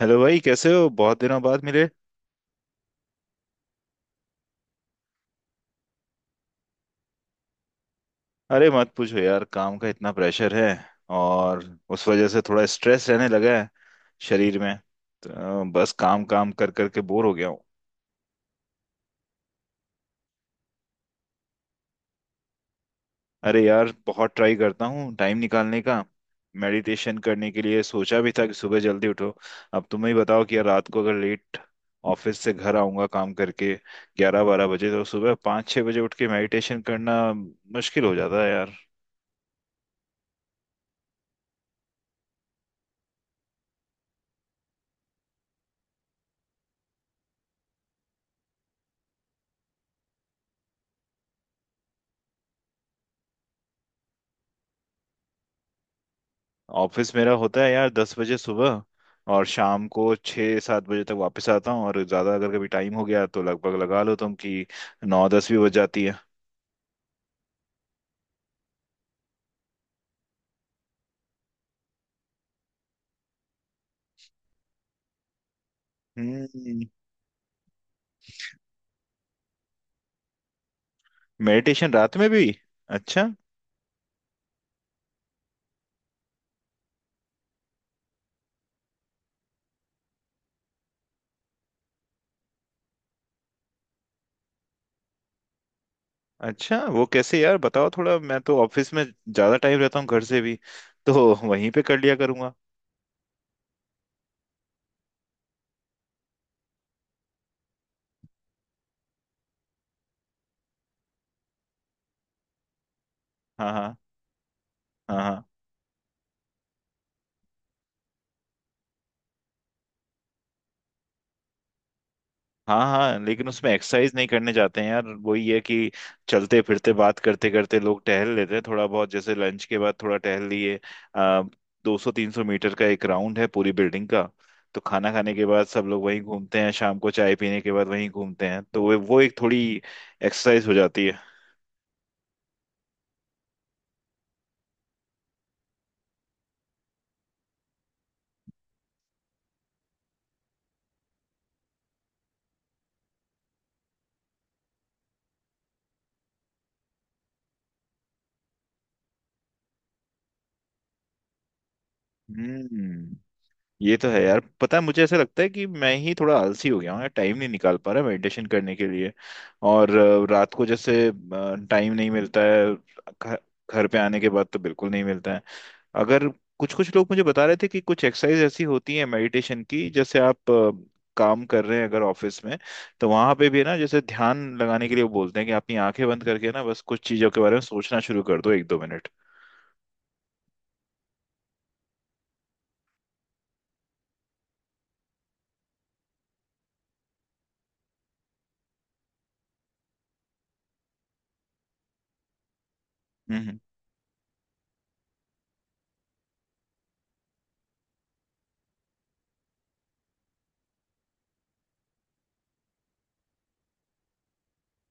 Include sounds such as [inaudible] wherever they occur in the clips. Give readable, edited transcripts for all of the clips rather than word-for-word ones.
Hello भाई, कैसे हो? बहुत दिनों बाद मिले। अरे मत पूछो यार, काम का इतना प्रेशर है और उस वजह से थोड़ा स्ट्रेस रहने लगा है शरीर में। तो बस काम काम कर कर के बोर हो गया हूँ। अरे यार, बहुत ट्राई करता हूँ टाइम निकालने का। मेडिटेशन करने के लिए सोचा भी था कि सुबह जल्दी उठो। अब तुम ही बताओ कि यार, रात को अगर लेट ऑफिस से घर आऊंगा काम करके 11-12 बजे, तो सुबह 5-6 बजे उठ के मेडिटेशन करना मुश्किल हो जाता है यार। ऑफिस मेरा होता है यार 10 बजे सुबह, और शाम को 6-7 बजे तक वापस आता हूँ। और ज़्यादा अगर कभी टाइम हो गया तो लगभग लगा लो तुम कि 9-10 भी बज जाती है। हम्म। मेडिटेशन रात में भी? अच्छा। अच्छा वो कैसे यार, बताओ थोड़ा। मैं तो ऑफिस में ज़्यादा टाइम रहता हूँ घर से भी, तो वहीं पे कर लिया करूँगा। हाँ हाँ। हाँ हाँ। हाँ हाँ। लेकिन उसमें एक्सरसाइज नहीं करने जाते हैं यार, वही है कि चलते फिरते बात करते करते लोग टहल लेते हैं थोड़ा बहुत, जैसे लंच के बाद थोड़ा टहल लिए आ, 200-300 मीटर का एक राउंड है पूरी बिल्डिंग का। तो खाना खाने के बाद सब लोग वहीं घूमते हैं, शाम को चाय पीने के बाद वहीं घूमते हैं, तो वो एक थोड़ी एक्सरसाइज हो जाती है। हम्म। ये तो है यार। पता है, मुझे ऐसा लगता है कि मैं ही थोड़ा आलसी हो गया हूँ, टाइम नहीं निकाल पा रहा मेडिटेशन करने के लिए। और रात को जैसे टाइम नहीं मिलता है। घ- घर पे आने के बाद तो बिल्कुल नहीं मिलता है। अगर कुछ कुछ लोग मुझे बता रहे थे कि कुछ एक्सरसाइज ऐसी होती है मेडिटेशन की। जैसे आप काम कर रहे हैं अगर ऑफिस में, तो वहां पे भी ना जैसे ध्यान लगाने के लिए वो बोलते हैं कि अपनी आंखें बंद करके ना बस कुछ चीजों के बारे में सोचना शुरू कर दो 1-2 मिनट। हम्म,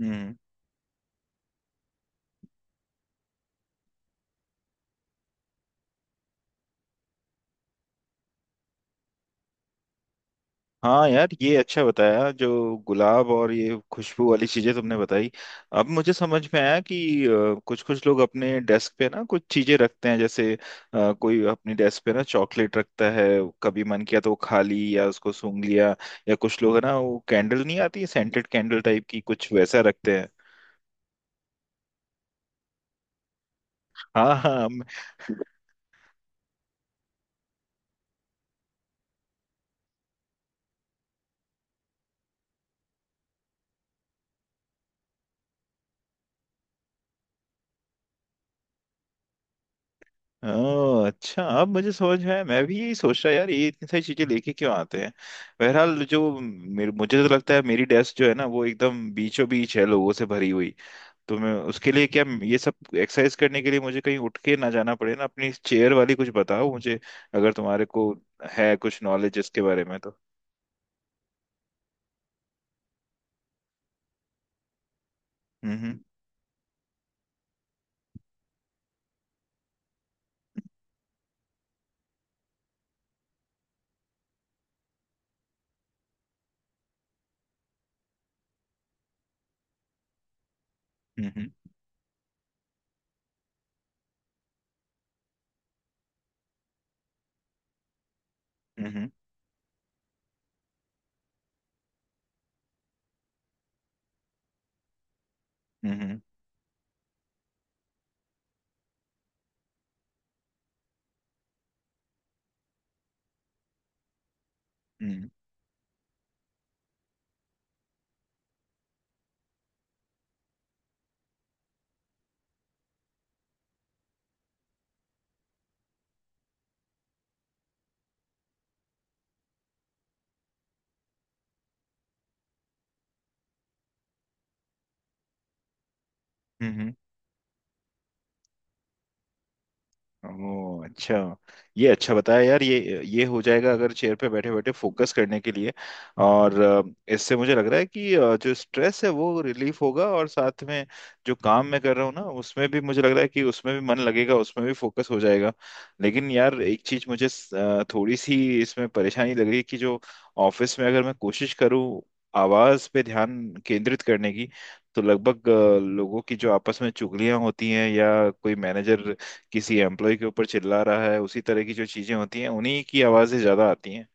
हम्म, हाँ यार, ये अच्छा बताया, जो गुलाब और ये खुशबू वाली चीजें तुमने बताई। अब मुझे समझ में आया कि कुछ कुछ लोग अपने डेस्क पे ना कुछ चीजें रखते हैं। जैसे कोई अपनी डेस्क पे ना चॉकलेट रखता है, कभी मन किया तो वो खा ली या उसको सूंघ लिया। या कुछ लोग है ना, वो कैंडल नहीं आती सेंटेड कैंडल टाइप की, कुछ वैसा रखते हैं। हाँ हाँ। ओह अच्छा, अब मुझे समझ में आया। मैं भी यही सोच रहा यार, ये इतनी सारी चीजें लेके क्यों आते हैं। बहरहाल, जो मेरे मुझे तो लगता है, मेरी डेस्क जो है ना वो एकदम बीचों बीच है, लोगों से भरी हुई। तो मैं उसके लिए क्या, ये सब एक्सरसाइज करने के लिए मुझे कहीं उठ के ना जाना पड़े ना, अपनी चेयर वाली कुछ बताओ मुझे, अगर तुम्हारे को है कुछ नॉलेज इसके बारे में तो। हम्म, हम्म, हम्म, हम्म, हम्म, हम्म, हम्म, हम्म, हम्म, हम्म, हम्म। ओह अच्छा। ये अच्छा बताया यार, ये हो जाएगा अगर चेयर पे बैठे बैठे फोकस करने के लिए। और इससे मुझे लग रहा है कि जो स्ट्रेस है वो रिलीफ होगा, और साथ में जो काम मैं कर रहा हूँ ना उसमें भी मुझे लग रहा है कि उसमें भी मन लगेगा, उसमें भी फोकस हो जाएगा। लेकिन यार एक चीज मुझे थोड़ी सी इसमें परेशानी लग रही है, कि जो ऑफिस में अगर मैं कोशिश करूँ आवाज पे ध्यान केंद्रित करने की, तो लगभग लोगों की जो आपस में चुगलियां होती हैं, या कोई मैनेजर किसी एम्प्लॉय के ऊपर चिल्ला रहा है, उसी तरह की जो चीजें होती हैं उन्हीं की आवाजें ज्यादा आती हैं।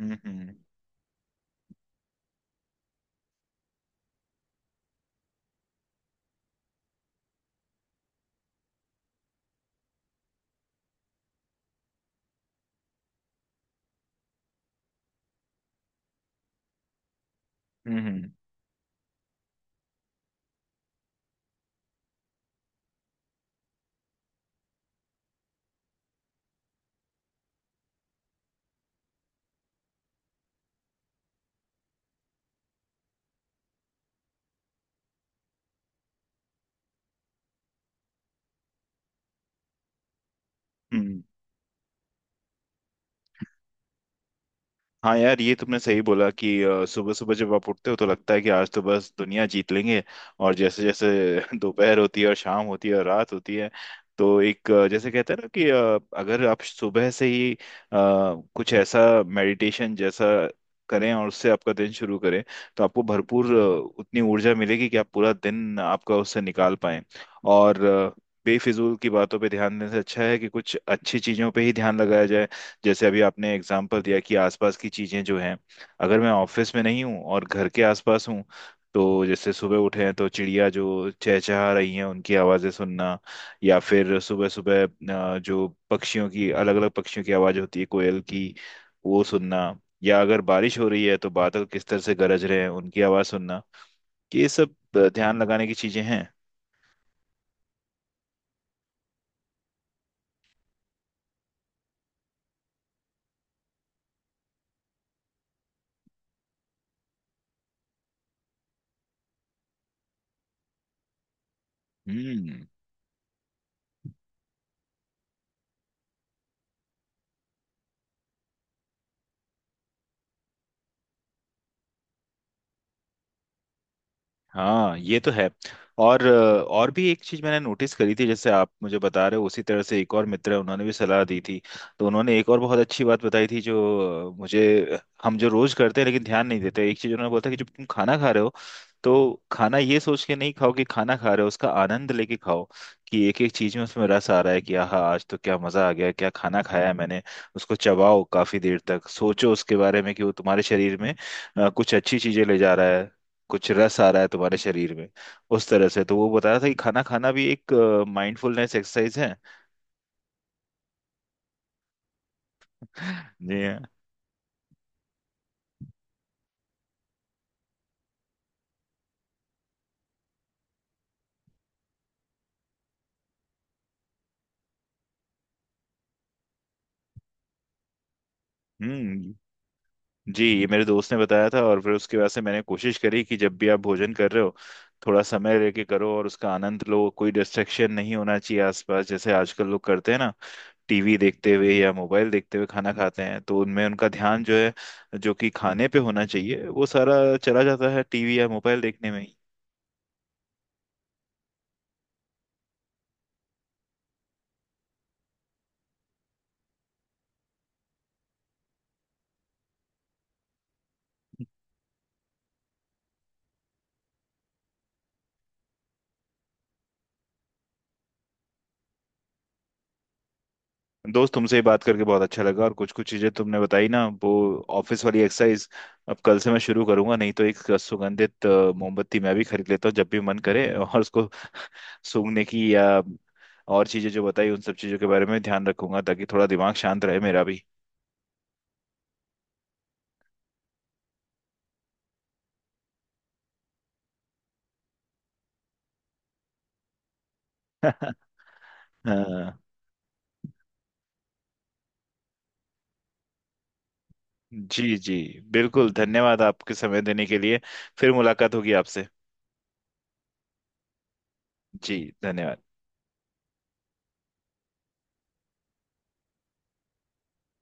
हम्म, हम्म, हम्म, हम्म। हाँ यार, ये तुमने सही बोला कि सुबह सुबह जब आप उठते हो तो लगता है कि आज तो बस दुनिया जीत लेंगे। और जैसे जैसे [laughs] दोपहर होती है और शाम होती है और रात होती है, तो एक जैसे कहते हैं ना कि अगर आप सुबह से ही कुछ ऐसा मेडिटेशन जैसा करें और उससे आपका दिन शुरू करें, तो आपको भरपूर उतनी ऊर्जा मिलेगी कि आप पूरा दिन आपका उससे निकाल पाएं। और बेफिजूल की बातों पे ध्यान देने से अच्छा है कि कुछ अच्छी चीजों पे ही ध्यान लगाया जाए। जैसे अभी आपने एग्जाम्पल दिया कि आसपास की चीजें जो हैं, अगर मैं ऑफिस में नहीं हूँ और घर के आसपास हूँ, तो जैसे सुबह उठे हैं तो चिड़िया जो चहचहा रही हैं उनकी आवाजें सुनना। या फिर सुबह सुबह जो पक्षियों की, अलग अलग पक्षियों की आवाज होती है कोयल की, वो सुनना। या अगर बारिश हो रही है तो बादल किस तरह से गरज रहे हैं उनकी आवाज सुनना। ये सब ध्यान लगाने की चीजें हैं। हम्म। हाँ, ये तो है। और और भी एक चीज मैंने नोटिस करी थी, जैसे आप मुझे बता रहे हो उसी तरह से एक और मित्र है, उन्होंने भी सलाह दी थी। तो उन्होंने एक और बहुत अच्छी बात बताई थी, जो मुझे, हम जो रोज करते हैं लेकिन ध्यान नहीं देते। एक चीज उन्होंने बोला था कि जब तुम खाना खा रहे हो, तो खाना ये सोच के नहीं खाओ कि खाना खा रहे हो, उसका आनंद लेके खाओ, कि एक एक चीज में उसमें रस आ रहा है, कि आह आज तो क्या मजा आ गया, क्या खाना खाया है मैंने। उसको चबाओ काफी देर तक, सोचो उसके बारे में कि वो तुम्हारे शरीर में कुछ अच्छी चीजें ले जा रहा है, कुछ रस आ रहा है तुम्हारे शरीर में। उस तरह से तो वो बता रहा था कि खाना खाना भी एक माइंडफुलनेस एक्सरसाइज है। जी हाँ। हम्म। जी, ये मेरे दोस्त ने बताया था। और फिर उसके बाद से मैंने कोशिश करी कि जब भी आप भोजन कर रहे हो, थोड़ा समय लेके करो और उसका आनंद लो, कोई डिस्ट्रैक्शन नहीं होना चाहिए आसपास। जैसे आजकल लोग करते हैं ना, टीवी देखते हुए या मोबाइल देखते हुए खाना खाते हैं, तो उनमें उनका ध्यान जो है, जो कि खाने पे होना चाहिए, वो सारा चला जाता है टीवी या मोबाइल देखने में। दोस्त, तुमसे ही बात करके बहुत अच्छा लगा। और कुछ कुछ चीजें तुमने बताई ना वो, ऑफिस वाली एक्सरसाइज अब कल से मैं शुरू करूंगा। नहीं तो एक सुगंधित मोमबत्ती मैं भी खरीद लेता हूँ, जब भी मन करे और उसको सूंघने की, या और चीजें जो बताई उन सब चीजों के बारे में ध्यान रखूंगा, ताकि थोड़ा दिमाग शांत रहे मेरा भी। [laughs] हाँ, जी जी। बिल्कुल, धन्यवाद आपके समय देने के लिए। फिर मुलाकात होगी आपसे। जी, धन्यवाद।